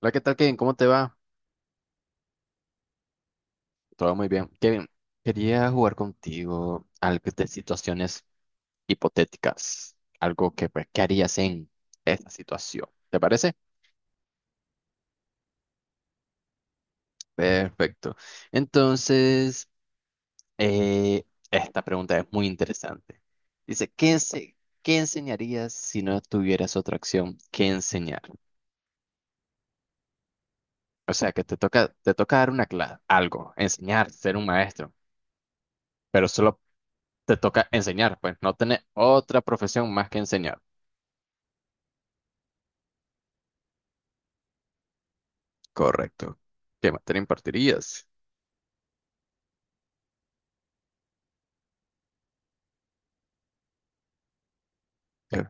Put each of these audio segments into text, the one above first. Hola, ¿qué tal, Kevin? ¿Cómo te va? Todo muy bien. Kevin, quería jugar contigo algo de situaciones hipotéticas. Algo que, pues, ¿qué harías en esta situación? ¿Te parece? Perfecto. Entonces, eh, esta pregunta es muy interesante. Dice, ¿qué enseñarías si no tuvieras otra acción que enseñar? O sea, que te toca dar una clase, algo, enseñar, ser un maestro, pero solo te toca enseñar, pues no tener otra profesión más que enseñar. Correcto. ¿Qué materia impartirías? Claro.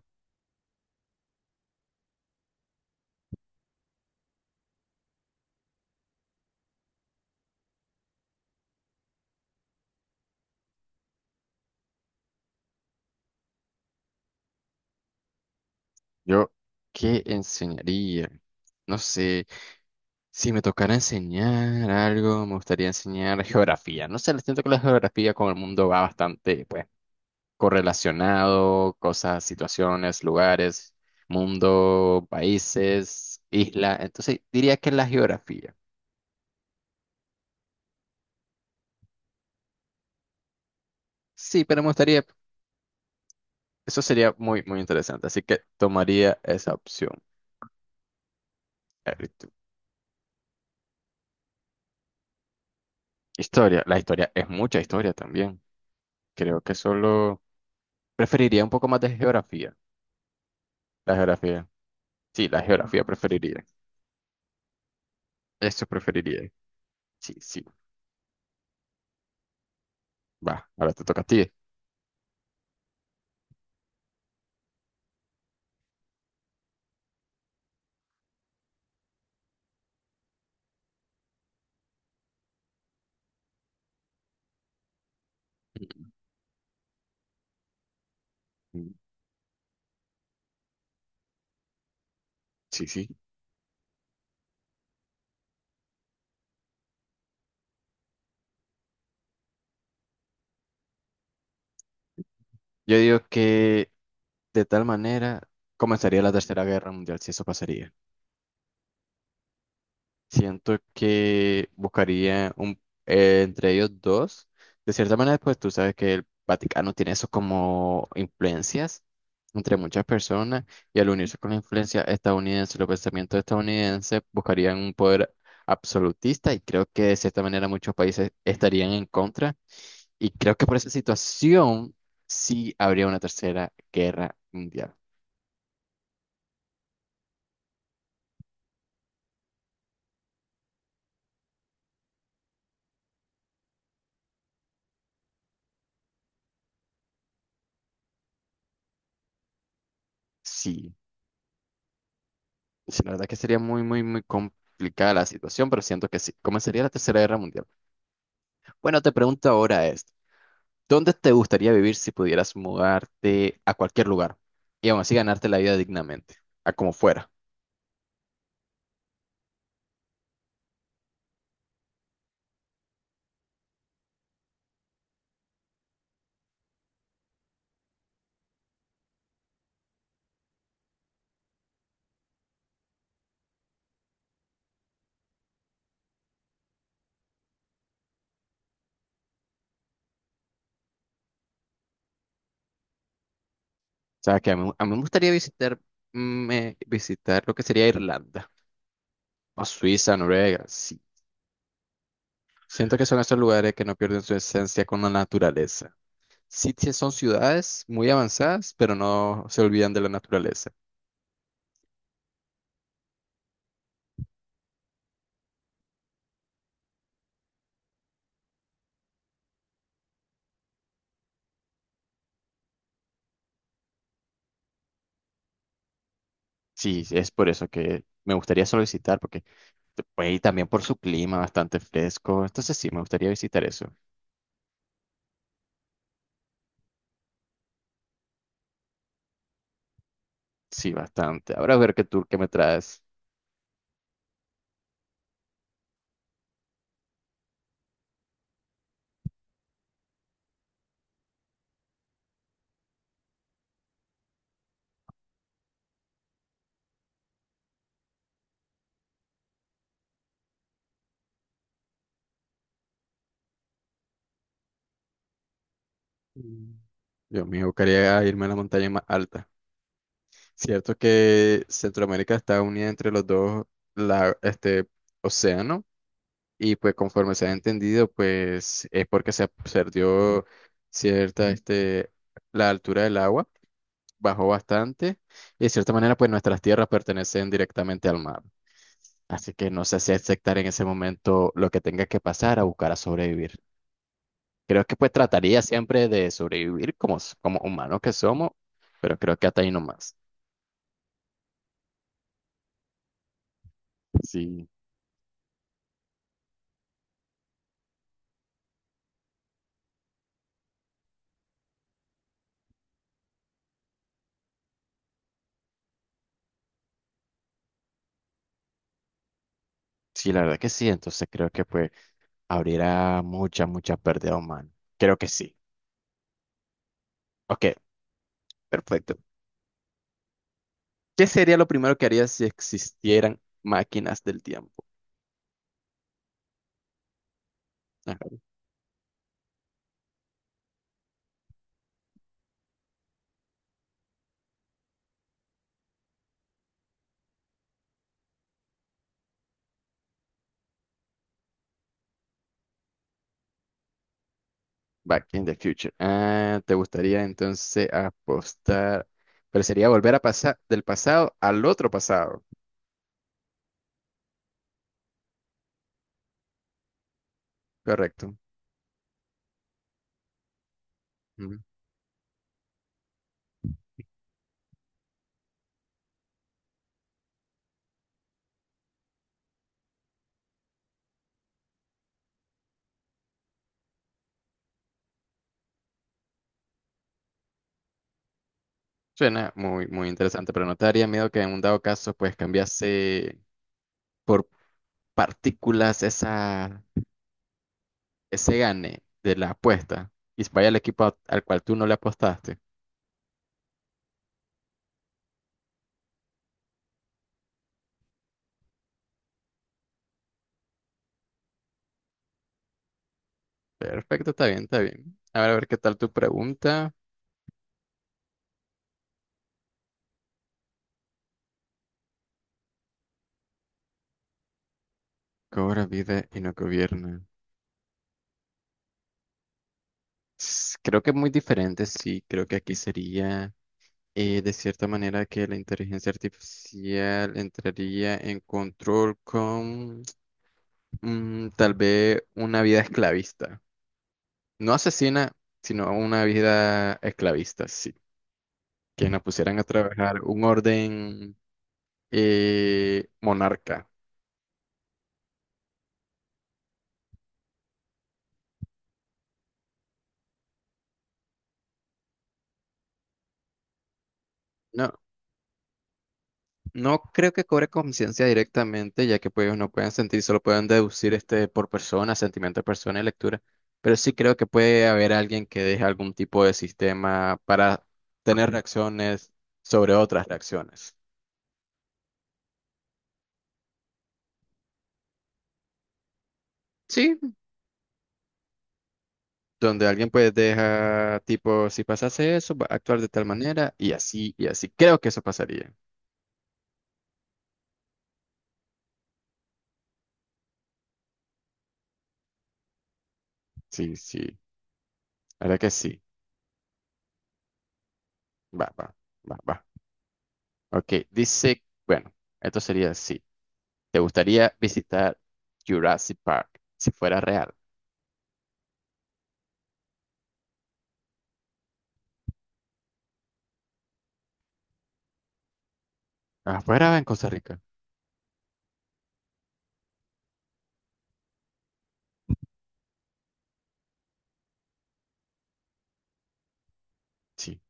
Yo, ¿qué enseñaría? No sé, si me tocara enseñar algo, me gustaría enseñar geografía. No sé, siento que la geografía con el mundo va bastante, pues, correlacionado, cosas, situaciones, lugares, mundo, países, isla. Entonces, diría que la geografía. Sí, pero me gustaría, eso sería muy, muy interesante. Así que tomaría esa opción. Eh, Historia, la historia es mucha historia también. Creo que solo preferiría un poco más de geografía. La geografía. Sí, la geografía preferiría. Eso preferiría. Sí, sí. Va, ahora te toca a ti. Mm, sí, sí. Yo digo que de tal manera comenzaría la Tercera Guerra Mundial, si eso pasaría. Siento que buscaría un, entre ellos dos. De cierta manera, pues tú sabes que el Vaticano tiene eso como influencias entre muchas personas y al unirse con la influencia estadounidense, los pensamientos estadounidenses buscarían un poder absolutista y creo que de cierta manera muchos países estarían en contra y creo que por esa situación sí habría una tercera guerra mundial. Sí. Sí, la verdad que sería muy, muy, muy complicada la situación, pero siento que sí. Comenzaría la Tercera Guerra Mundial. Bueno, te pregunto ahora es ¿dónde te gustaría vivir si pudieras mudarte a cualquier lugar y aún así ganarte la vida dignamente, a como fuera? O sea, que a mí me gustaría visitar, visitar lo que sería Irlanda o Suiza, Noruega, sí. Siento que son esos lugares que no pierden su esencia con la naturaleza. Sí, sí son ciudades muy avanzadas, pero no se olvidan de la naturaleza. Sí, es por eso que me gustaría solo visitar, porque pues, y también por su clima bastante fresco. Entonces sí, me gustaría visitar eso. Sí, bastante. Ahora a ver qué tour que me traes. Mm. Yo me buscaría irme a la montaña más alta. Cierto que Centroamérica está unida entre los dos, la, este, océano, y pues conforme se ha entendido, pues es porque se perdió cierta, este, la altura del agua. Bajó bastante y de cierta manera pues nuestras tierras pertenecen directamente al mar. Así que no sé si aceptar en ese momento lo que tenga que pasar a buscar a sobrevivir. Creo que pues trataría siempre de sobrevivir como, como humanos que somos, pero creo que hasta ahí nomás. Sí, sí, la verdad que sí. Entonces creo que pues abrirá mucha, mucha pérdida humana. Creo que sí. Ok, perfecto. ¿Qué sería lo primero que harías si existieran máquinas del tiempo? Back in the Future. Ah, ¿te gustaría entonces apostar? Pero sería volver a pasar del pasado al otro pasado. Correcto. Ujú. Suena muy, muy interesante, pero ¿no te daría miedo que en un dado caso pues cambiase por partículas esa, ese gane de la apuesta y vaya al equipo al cual tú no le apostaste? Perfecto, está bien, está bien. A ver qué tal tu pregunta. Cobra vida y no gobierna. Creo que es muy diferente, sí, creo que aquí sería... de cierta manera que la inteligencia artificial entraría en control con mm, tal vez una vida esclavista. No asesina, sino una vida esclavista, sí. Que nos pusieran a trabajar un orden monarca. No, No creo que cobre conciencia directamente, ya que pues ellos no pueden sentir, solo pueden deducir este por persona, sentimiento de persona y lectura. Pero sí creo que puede haber alguien que deje algún tipo de sistema para tener reacciones sobre otras reacciones. Sí, donde alguien pues deja tipo, si pasase eso, va a actuar de tal manera y así y así. Creo que eso pasaría. Sí, sí, la verdad que sí. Va, va, va. Ok, dice, bueno, esto sería así. ¿Te gustaría visitar Jurassic Park si fuera real? Afuera en Costa Rica. Sí.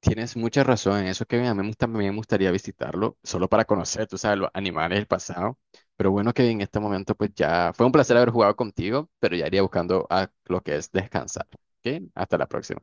Tienes mucha razón en eso que a mí también me gustaría visitarlo, solo para conocer, tú sabes, los animales del pasado. Pero bueno que en este momento pues ya fue un placer haber jugado contigo, pero ya iría buscando a lo que es descansar. ¿Ok? Hasta la próxima.